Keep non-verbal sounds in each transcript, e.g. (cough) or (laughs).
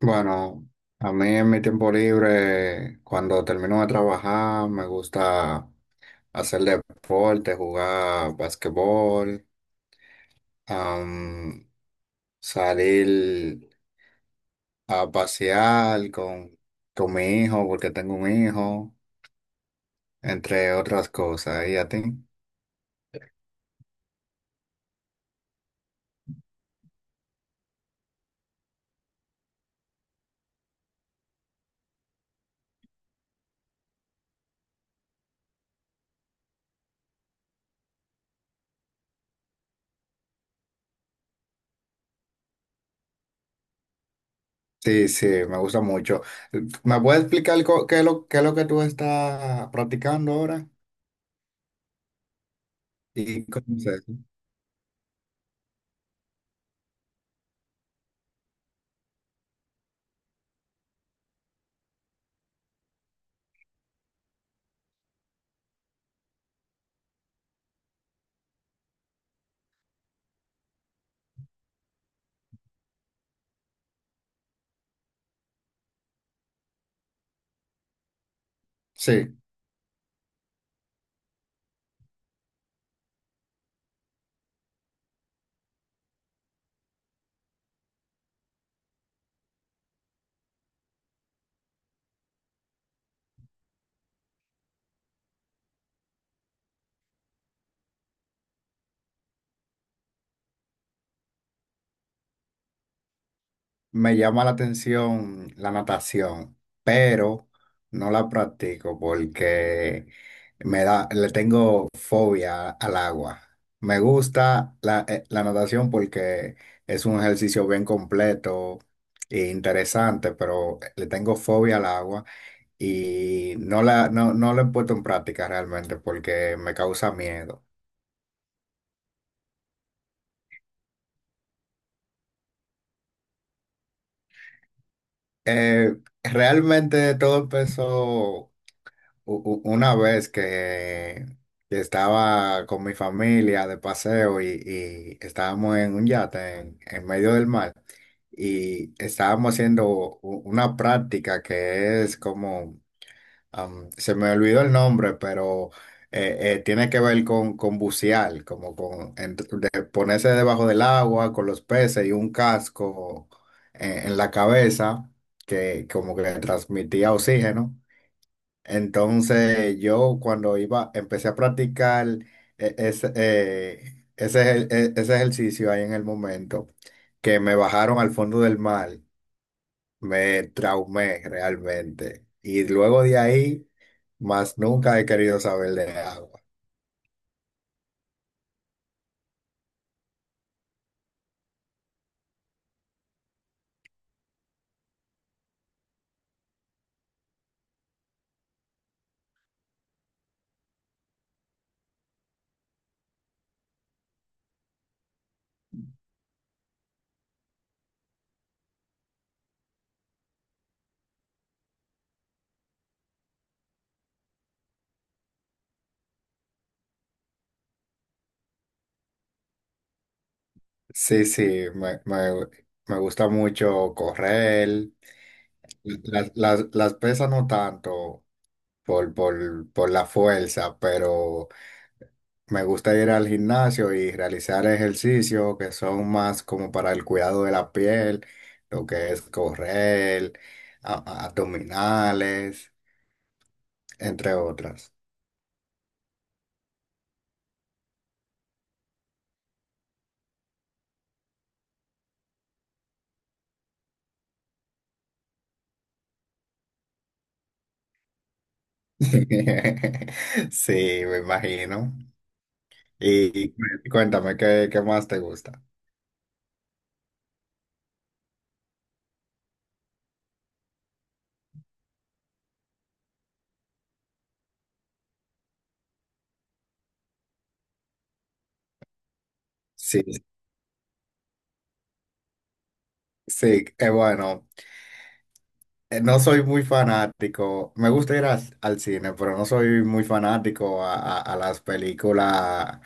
Bueno, a mí en mi tiempo libre, cuando termino de trabajar, me gusta hacer deporte, jugar basquetbol, am, salir a pasear con mi hijo, porque tengo un hijo, entre otras cosas. ¿Y a ti? Sí, sí, me gusta mucho. ¿Me puedes explicar qué es qué es lo que tú estás practicando ahora? ¿Y cómo es eso? Sí. Me llama la atención la natación, pero no la practico porque me da, le tengo fobia al agua. Me gusta la natación porque es un ejercicio bien completo e interesante, pero le tengo fobia al agua y no la he puesto en práctica realmente porque me causa miedo. Eh, realmente todo empezó. Una vez que estaba con mi familia de paseo y estábamos en un yate en medio del mar y estábamos haciendo una práctica que es como, se me olvidó el nombre, pero tiene que ver con bucear, como con de ponerse debajo del agua con los peces y un casco en la cabeza que como que transmitía oxígeno. Entonces yo cuando iba, empecé a practicar eh, ese, eh, ese, ese ejercicio ahí en el momento, que me bajaron al fondo del mar, me traumé realmente. Y luego de ahí, más nunca he querido saber de agua. Sí, sí, me, me- me gusta mucho correr. Las pesas no tanto por la fuerza, pero... Me gusta ir al gimnasio y realizar ejercicios que son más como para el cuidado de la piel, lo que es correr, a- abdominales, entre otras. (laughs) Sí, me imagino. Y cuéntame, ¿ qué más te gusta? Sí, sí, bueno, no soy muy fanático. Me gusta ir al cine, pero no soy muy fanático a las películas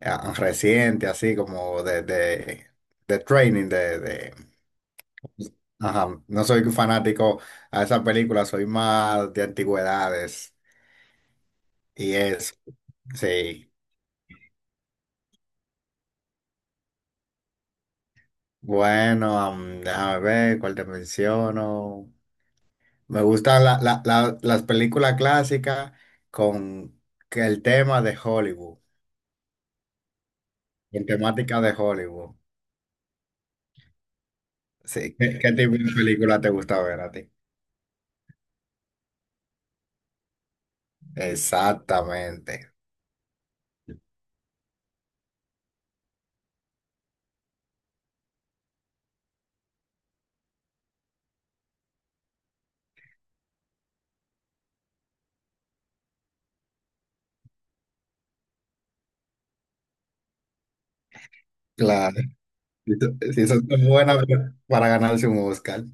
reciente, así como de training, ajá. No soy fanático a esa película, soy más de antigüedades y eso, sí. Bueno, déjame ver cuál te menciono. Me gustan las películas clásicas con que el tema de Hollywood, con temática de Hollywood. Sí, ¿ qué tipo de película te gusta ver a ti? Exactamente. Claro. Sí, eso es muy buena para ganarse un Oscar.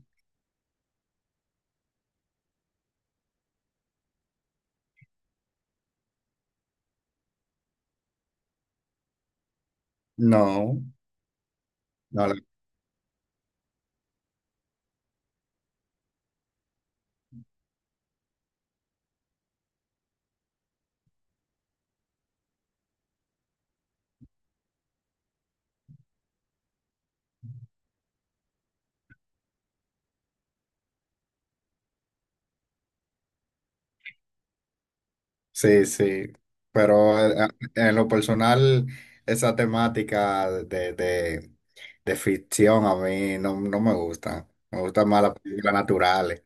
No, no, la- sí, sí. Pero en lo personal, esa temática de ficción a mí no, no me gusta. Me gustan más las películas naturales.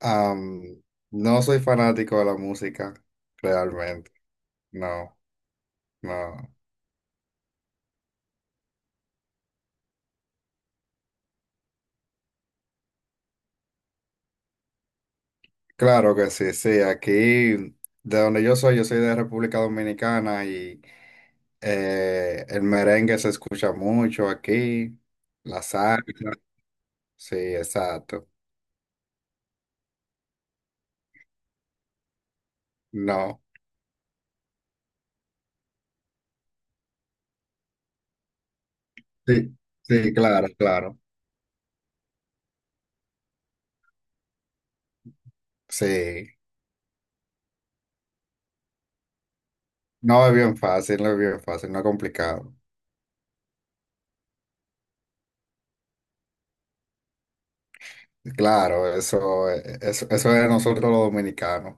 Am, no soy fanático de la música, realmente. No, no. Claro que sí, sí. Aquí, de donde yo soy de República Dominicana y el merengue se escucha mucho aquí, la salsa, sí, exacto. No, sí, sí, claro, claro, sí. No es bien fácil, no es bien fácil, no es complicado. Claro, eso es de nosotros los dominicanos.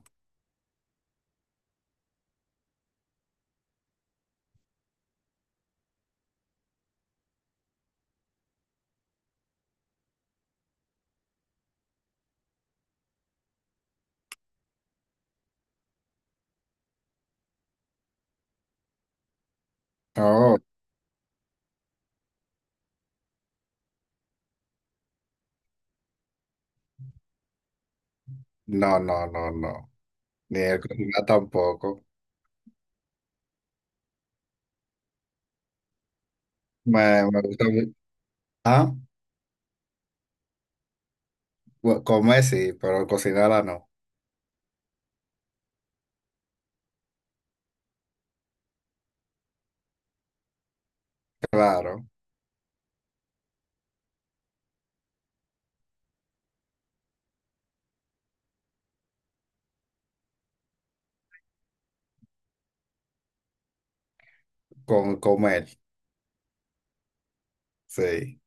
Oh, no, no, no, no, ni el cocinar tampoco. Me, me gusta mu- Ah, comer sí, pero cocinarla no. Claro, con comer, sí,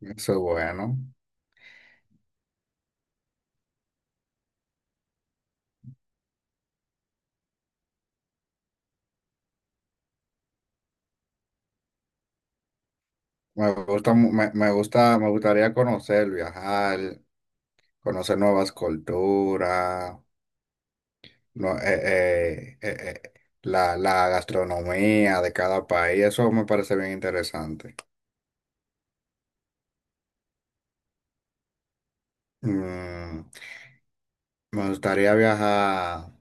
eso es bueno. Me gusta, me gusta, me gustaría conocer, viajar, conocer nuevas culturas, no- eh, eh, eh, eh, la gastronomía de cada país, eso me parece bien interesante. Mm, me gustaría viajar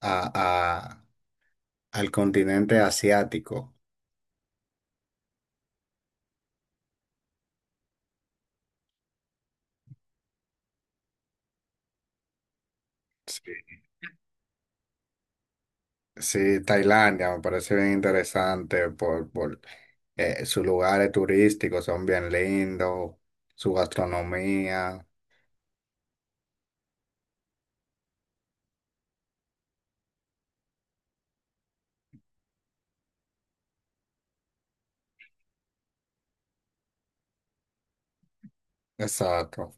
a, a- al continente asiático. Sí, sí, Tailandia me parece bien interesante por sus lugares turísticos son bien lindos, su gastronomía. Exacto.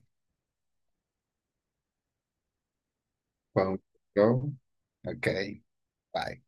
Fue un- show. Ok, bye.